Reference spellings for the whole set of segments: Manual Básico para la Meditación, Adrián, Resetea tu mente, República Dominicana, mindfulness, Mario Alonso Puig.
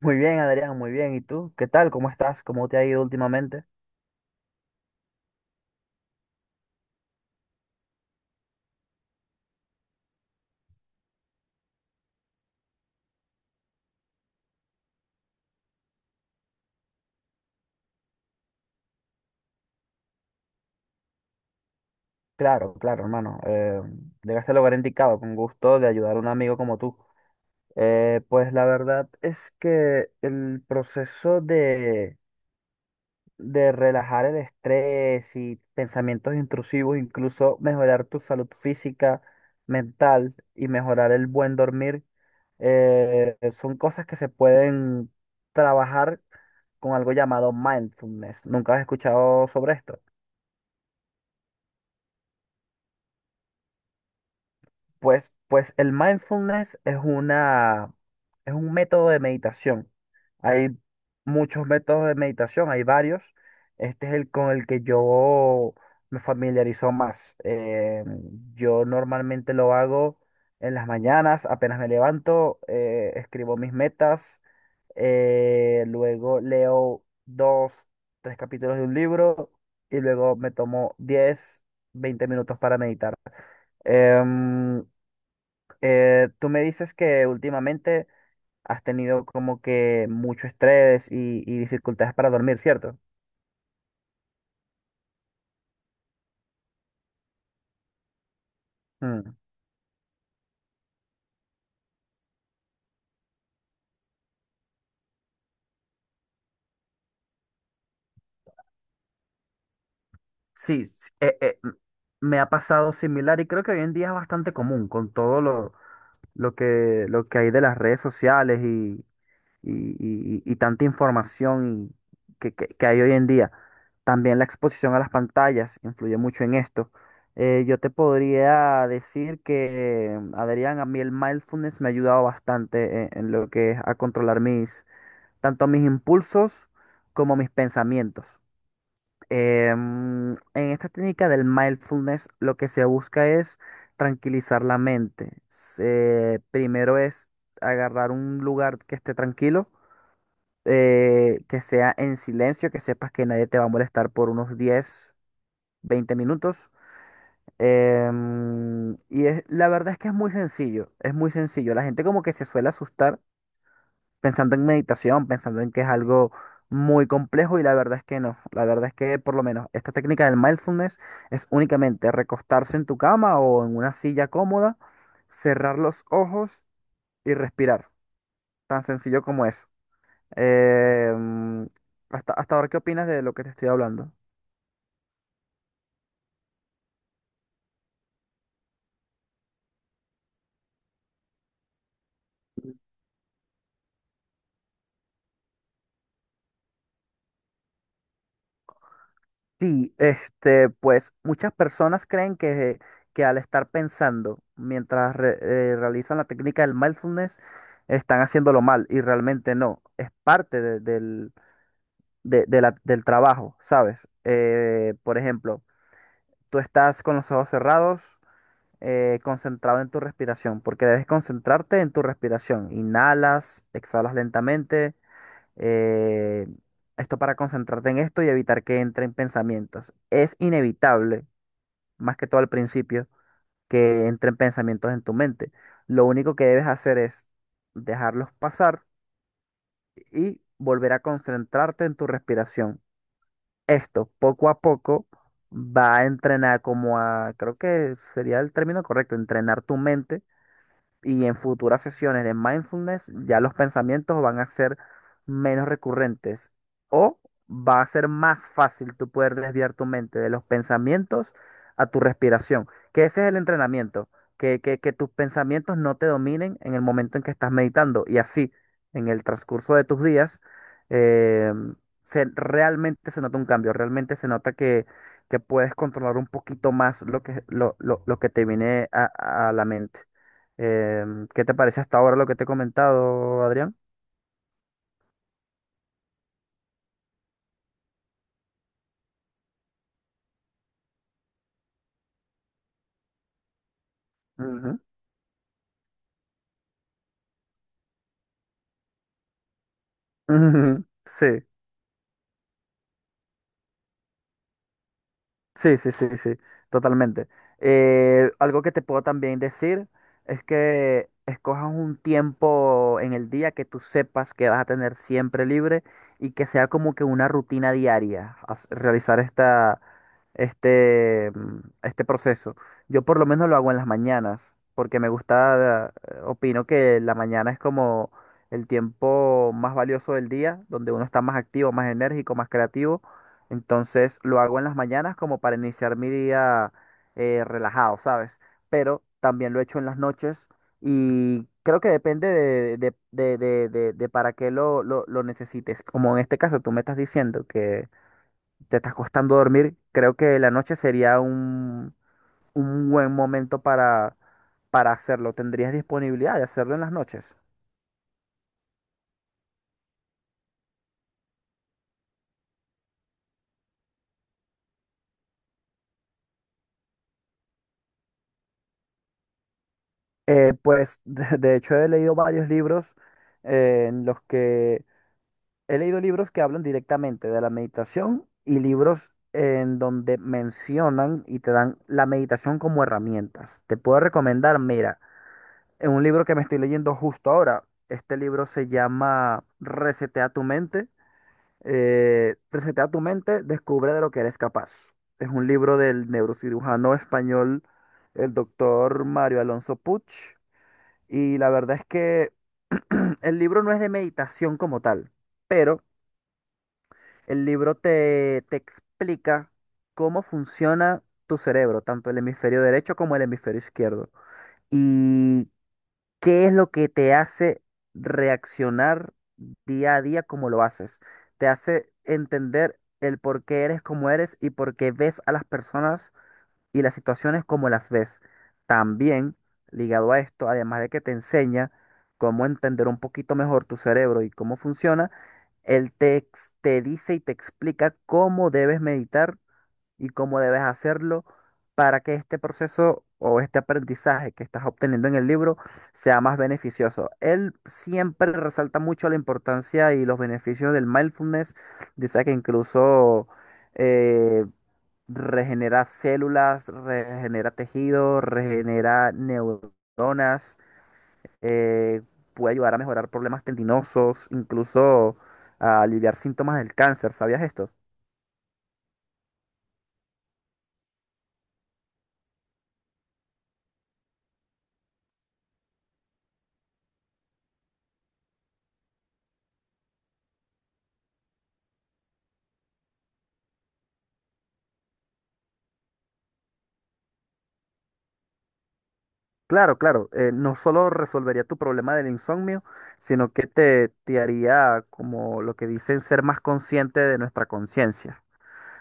Muy bien, Adrián, muy bien. ¿Y tú? ¿Qué tal? ¿Cómo estás? ¿Cómo te ha ido últimamente? Claro, claro, hermano. Llegaste al lugar indicado, con gusto de ayudar a un amigo como tú. Pues la verdad es que el proceso de relajar el estrés y pensamientos intrusivos, incluso mejorar tu salud física, mental y mejorar el buen dormir, son cosas que se pueden trabajar con algo llamado mindfulness. ¿Nunca has escuchado sobre esto? Pues el es un método de meditación. Hay muchos métodos de meditación, hay varios. Este es el con el que yo me familiarizo más. Yo normalmente lo hago en las mañanas, apenas me levanto, escribo mis metas, luego leo dos, tres capítulos de un libro y luego me tomo 10 20 minutos para meditar. Em, Tú me dices que últimamente has tenido como que mucho estrés y dificultades para dormir, ¿cierto? Mm. Sí, s- eh, eh, m- Me ha pasado similar y creo que hoy en día es bastante común con todo lo que hay de las redes sociales y tanta información que hay hoy en día. También la exposición a las pantallas influye mucho en esto. Yo te podría decir que, Adrián, a mí el mindfulness me ha ayudado bastante en lo que es a controlar mis, tanto mis impulsos como mis pensamientos. En esta técnica del mindfulness, lo que se busca es tranquilizar la mente. Primero es agarrar un lugar que esté tranquilo, que sea en silencio, que sepas que nadie te va a molestar por unos 10, 20 minutos. Y es, la verdad es que es muy sencillo, es muy sencillo. La gente como que se suele asustar pensando en meditación, pensando en que es algo muy complejo y la verdad es que no. La verdad es que por lo menos esta técnica del mindfulness es únicamente recostarse en tu cama o en una silla cómoda, cerrar los ojos y respirar. Tan sencillo como es. Eh, mm, Hasta, hasta ahora, ¿qué opinas de lo que te estoy hablando? Sí, este, pues muchas personas creen que al estar pensando mientras realizan la técnica del mindfulness, están haciéndolo mal y realmente no, es parte del, del trabajo, ¿sabes? Por ejemplo, tú estás con los ojos cerrados, concentrado en tu respiración, porque debes concentrarte en tu respiración. Inhalas, exhalas lentamente, eh, esto para concentrarte en esto y evitar que entren pensamientos. Es inevitable, más que todo al principio, que entren pensamientos en tu mente. Lo único que debes hacer es dejarlos pasar y volver a concentrarte en tu respiración. Esto, poco a poco, va a entrenar como a, creo que sería el término correcto, entrenar tu mente. Y en futuras sesiones de mindfulness ya los pensamientos van a ser menos recurrentes o va a ser más fácil tú poder desviar tu mente de los pensamientos a tu respiración, que ese es el entrenamiento, que tus pensamientos no te dominen en el momento en que estás meditando y así en el transcurso de tus días, eh, se, realmente se nota un cambio, realmente se nota que puedes controlar un poquito más lo lo que te viene a la mente. ¿Qué te parece hasta ahora lo que te he comentado, Adrián? Ujú. Sí. Sí, sí, sí, sí, totalmente. Algo que te puedo también decir es que escojas un tiempo en el día que tú sepas que vas a tener siempre libre y que sea como que una rutina diaria realizar este proceso. Yo por lo menos lo hago en las mañanas porque me gusta, opino que la mañana es como el tiempo más valioso del día, donde uno está más activo, más enérgico, más creativo, entonces lo hago en las mañanas como para iniciar mi día relajado, ¿sabes? Pero también lo he hecho en las noches y creo que depende de para qué lo necesites. Como en este caso tú me estás diciendo que te estás costando dormir, creo que la noche sería un buen momento para hacerlo. ¿Tendrías disponibilidad de hacerlo en las noches? Pues de hecho he leído varios libros en los que He leído libros que hablan directamente de la meditación y libros en donde mencionan y te dan la meditación como herramientas. Te puedo recomendar, mira, en un libro que me estoy leyendo justo ahora. Este libro se llama Resetea tu mente. Resetea tu mente, descubre de lo que eres capaz. Es un libro del neurocirujano español, el doctor Mario Alonso Puig. Y la verdad es que el libro no es de meditación como tal, pero el libro te explica cómo funciona tu cerebro, tanto el hemisferio derecho como el hemisferio izquierdo, y qué es lo que te hace reaccionar día a día como lo haces. Te hace entender el por qué eres como eres y por qué ves a las personas y las situaciones como las ves. También, ligado a esto, además de que te enseña cómo entender un poquito mejor tu cerebro y cómo funciona, te dice y te explica cómo debes meditar y cómo debes hacerlo para que este proceso o este aprendizaje que estás obteniendo en el libro sea más beneficioso. Él siempre resalta mucho la importancia y los beneficios del mindfulness. Dice que incluso, eh, regenera células, regenera tejido, regenera neuronas, eh, puede ayudar a mejorar problemas tendinosos, incluso a aliviar síntomas del cáncer. ¿Sabías esto? Claro, claro, no solo resolvería tu problema del insomnio, sino que te haría como lo que dicen ser más consciente de nuestra conciencia.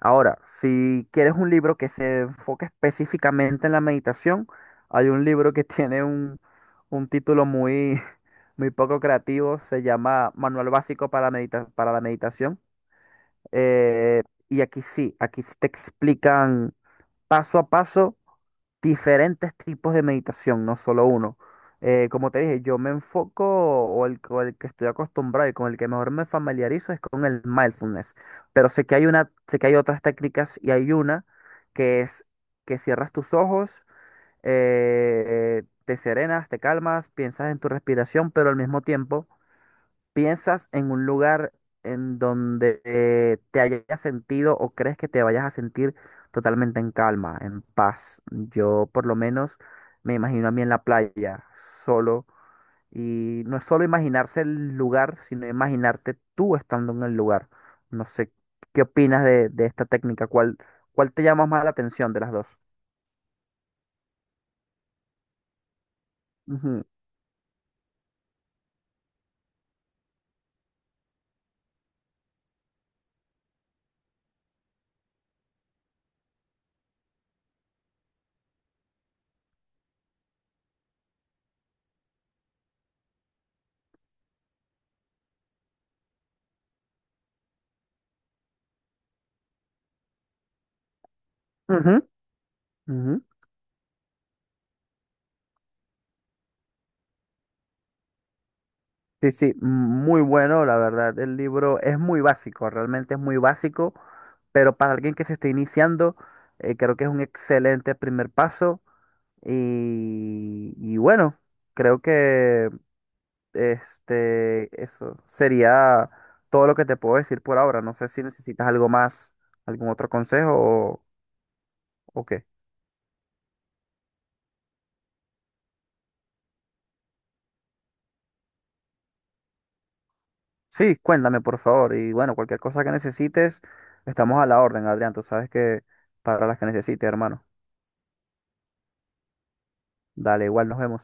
Ahora, si quieres un libro que se enfoque específicamente en la meditación, hay un libro que tiene un título muy, muy poco creativo, se llama Manual Básico para la Meditación. Eh, y aquí sí te explican paso a paso diferentes tipos de meditación, no solo uno. Como te dije, yo me enfoco o el que estoy acostumbrado y con el que mejor me familiarizo es con el mindfulness. Pero sé que hay otras técnicas y hay una que es que cierras tus ojos, te serenas, te calmas, piensas en tu respiración, pero al mismo tiempo. ¿Piensas en un lugar en donde, te hayas sentido o crees que te vayas a sentir totalmente en calma, en paz? Yo por lo menos me imagino a mí en la playa, solo, y no es solo imaginarse el lugar, sino imaginarte tú estando en el lugar. No sé, ¿qué opinas de esta técnica? ¿Cuál, cuál te llama más la atención de las dos? Ujú, ujú, ujú. Sí, sí, muy bueno, la verdad. El libro es muy básico, realmente es muy básico, pero para alguien que se está iniciando, creo que es un excelente primer paso. Y bueno, creo que este, eso sería todo lo que te puedo decir por ahora. No sé si necesitas algo más, algún otro consejo o qué. Sí, cuéntame, por favor. Y bueno, cualquier cosa que necesites, estamos a la orden, Adrián. Tú sabes que para las que necesites, hermano. Dale, igual nos vemos.